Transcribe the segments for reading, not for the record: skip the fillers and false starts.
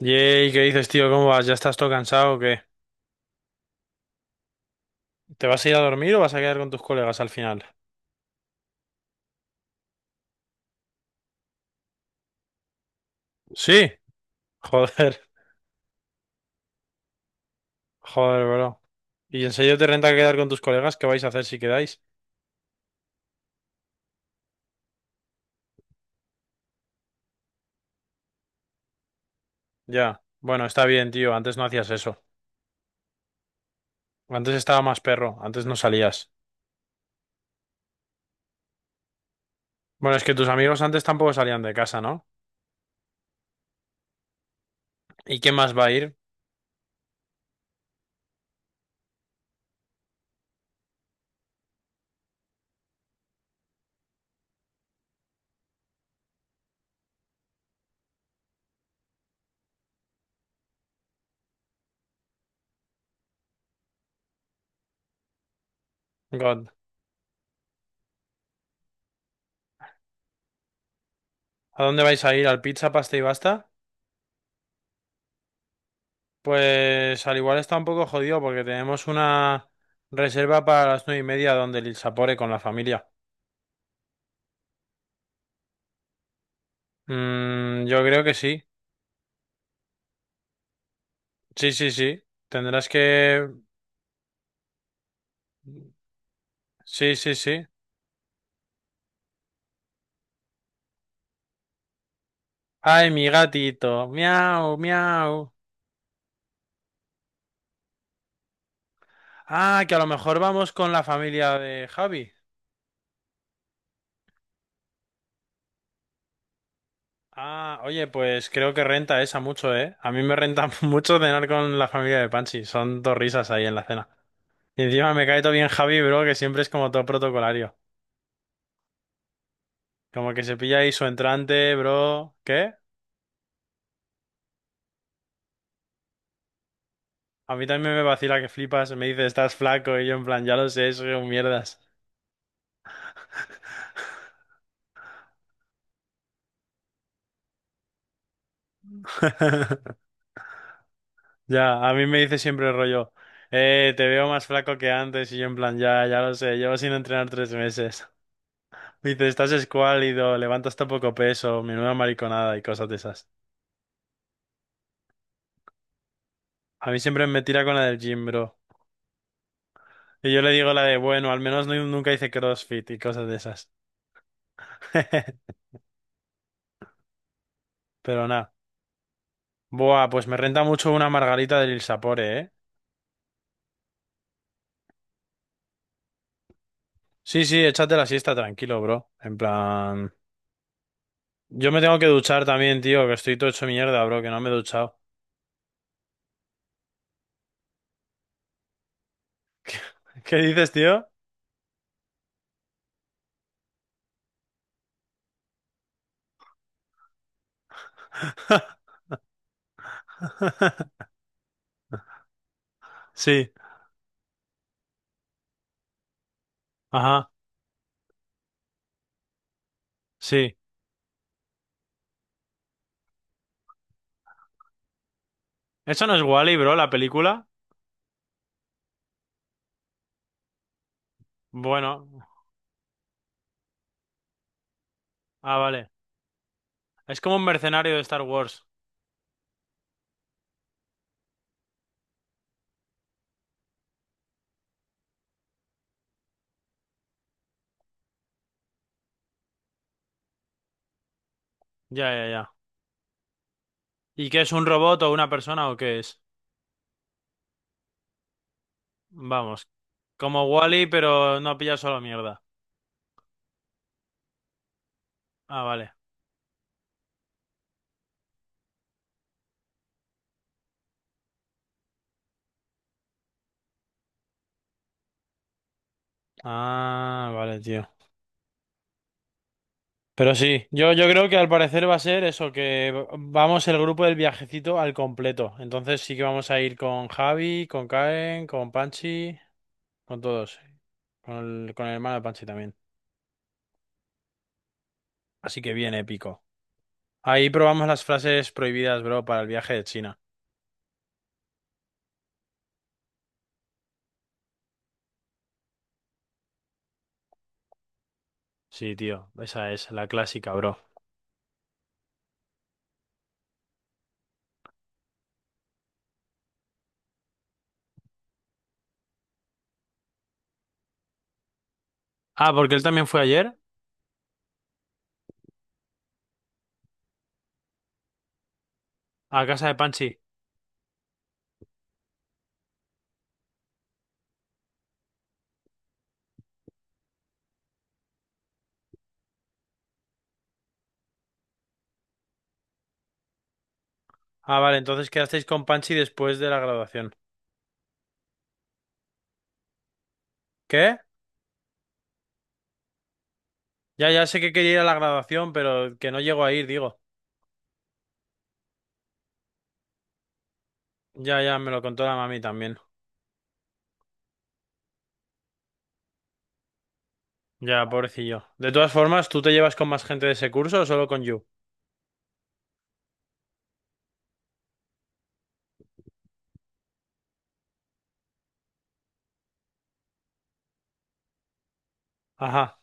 Yey, ¿qué dices, tío? ¿Cómo vas? ¿Ya estás todo cansado o qué? ¿Te vas a ir a dormir o vas a quedar con tus colegas al final? Sí. Joder, joder, bro. ¿Y en serio te renta quedar con tus colegas? ¿Qué vais a hacer si quedáis? Ya. Bueno, está bien, tío. Antes no hacías eso. Antes estaba más perro. Antes no salías. Bueno, es que tus amigos antes tampoco salían de casa, ¿no? ¿Y quién más va a ir? God. ¿A dónde vais a ir? ¿Al pizza, pasta y basta? Pues al igual está un poco jodido porque tenemos una reserva para las 9:30 donde el Sapore con la familia. Mm, yo creo que sí. Sí, sí, sí. Tendrás que... Sí, sí, sí. Ay, mi gatito. Miau, miau. Ah, que a lo mejor vamos con la familia de Javi. Ah, oye, pues creo que renta esa mucho, ¿eh? A mí me renta mucho cenar con la familia de Panchi. Son dos risas ahí en la cena. Y encima me cae todo bien Javi, bro, que siempre es como todo protocolario. Como que se pilla ahí su entrante, bro. ¿Qué? A mí también me vacila que flipas. Me dice, estás flaco. Y yo en plan, ya lo sé, soy un mierdas. Ya, a mí me dice siempre el rollo, te veo más flaco que antes y yo en plan, ya, ya lo sé, llevo sin entrenar 3 meses. Me dice, estás escuálido, levantas tan poco peso, menuda mariconada y cosas de esas. A mí siempre me tira con la del gym, bro. Y yo le digo la de, bueno, al menos nunca hice CrossFit y cosas de esas. Pero nada. Buah, pues me renta mucho una margarita del Il Sapore, ¿eh? Sí, sí, échate la siesta tranquilo, bro. En plan... Yo me tengo que duchar también, tío, que estoy todo hecho mierda, bro, que no me he duchado. ¿Qué dices, tío? Sí, ajá, sí. ¿Eso no es Wally, bro, la película? Bueno, ah, vale. Es como un mercenario de Star Wars. Ya, ya, ya. ¿Y qué es un robot o una persona o qué es? Vamos, como Wally, pero no pilla solo mierda. Ah, vale. Ah, vale, tío. Pero sí, yo creo que al parecer va a ser eso, que vamos el grupo del viajecito al completo. Entonces sí que vamos a ir con Javi, con Karen, con Panchi. Con todos, con el hermano de Panchi también. Así que bien épico. Ahí probamos las frases prohibidas, bro, para el viaje de China. Sí, tío, esa es la clásica, bro. Ah, porque él también fue ayer a casa de Panchi. Ah, vale, entonces quedasteis con Panchi después de la graduación. ¿Qué? Ya, ya sé que quería ir a la graduación, pero que no llegó a ir, digo. Ya, ya, me lo contó la mami también. Ya, pobrecillo. De todas formas, ¿tú te llevas con más gente de ese curso o solo con Yu? Ajá,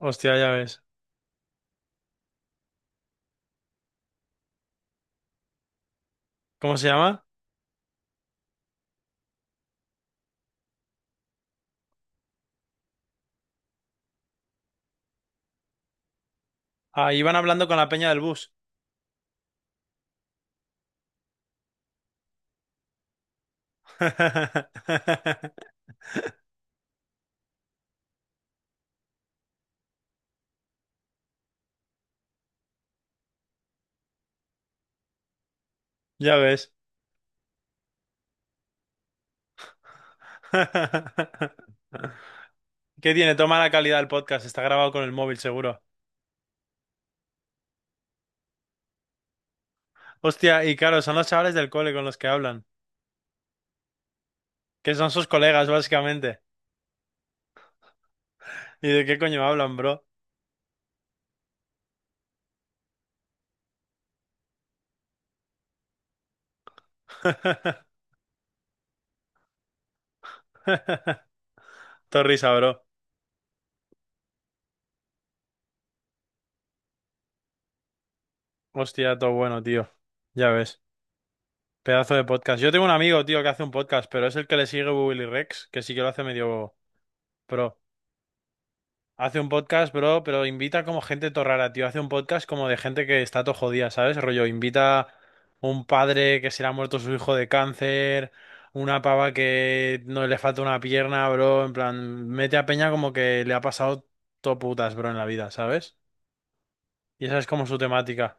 hostia, ya ves. ¿Cómo se llama? Ah, iban hablando con la peña del bus. Ya ves. ¿Qué tiene? Toma la calidad del podcast. Está grabado con el móvil, seguro. Hostia, y claro, son los chavales del cole con los que hablan. Que son sus colegas, básicamente. ¿Y de qué coño hablan, bro? Todo risa, bro. Hostia, todo bueno, tío. Ya ves. Pedazo de podcast. Yo tengo un amigo, tío, que hace un podcast, pero es el que le sigue Willy Rex, que sí que lo hace medio pro. Hace un podcast, bro, pero invita como gente todo rara, tío. Hace un podcast como de gente que está todo jodida, ¿sabes? Rollo, invita un padre que se le ha muerto su hijo de cáncer, una pava que no le falta una pierna, bro. En plan, mete a peña como que le ha pasado todo putas, bro, en la vida, ¿sabes? Y esa es como su temática.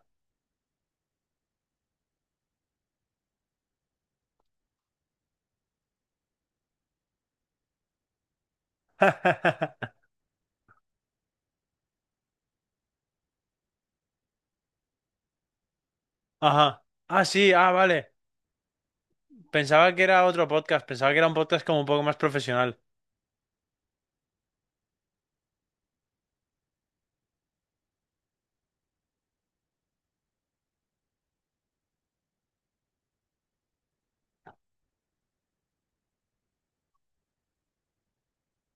Ajá. Ah, sí, ah, vale. Pensaba que era otro podcast, pensaba que era un podcast como un poco más profesional.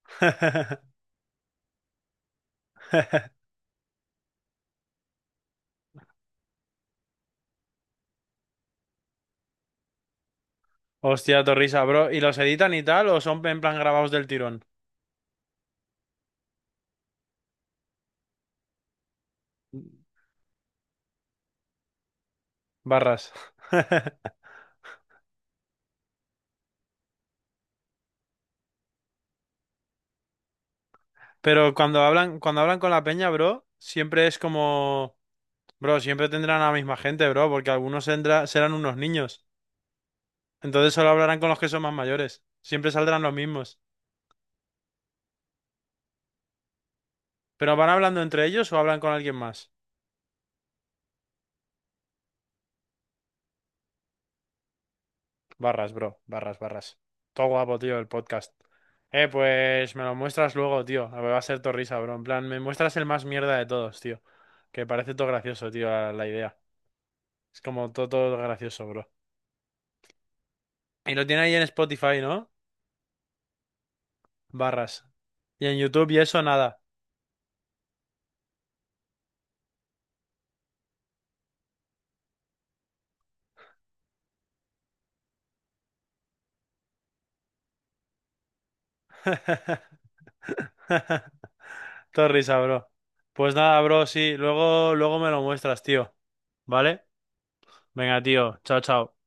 Hostia, torrisa, bro. ¿Y los editan y tal o son en plan grabados del tirón? Barras. Pero cuando hablan con la peña, bro, siempre es como, bro, siempre tendrán a la misma gente, bro, porque algunos serán unos niños. Entonces solo hablarán con los que son más mayores. Siempre saldrán los mismos. ¿Pero van hablando entre ellos o hablan con alguien más? Barras, bro, barras, barras. Todo guapo, tío, el podcast. Pues me lo muestras luego, tío. A ver, va a ser todo risa, bro. En plan, me muestras el más mierda de todos, tío. Que parece todo gracioso, tío, la idea. Es como todo, todo gracioso, bro. Y lo tiene ahí en Spotify, ¿no? Barras. Y en YouTube y eso nada. Todo risa, bro. Pues nada, bro, sí. Luego, luego me lo muestras, tío. ¿Vale? Venga, tío. Chao, chao.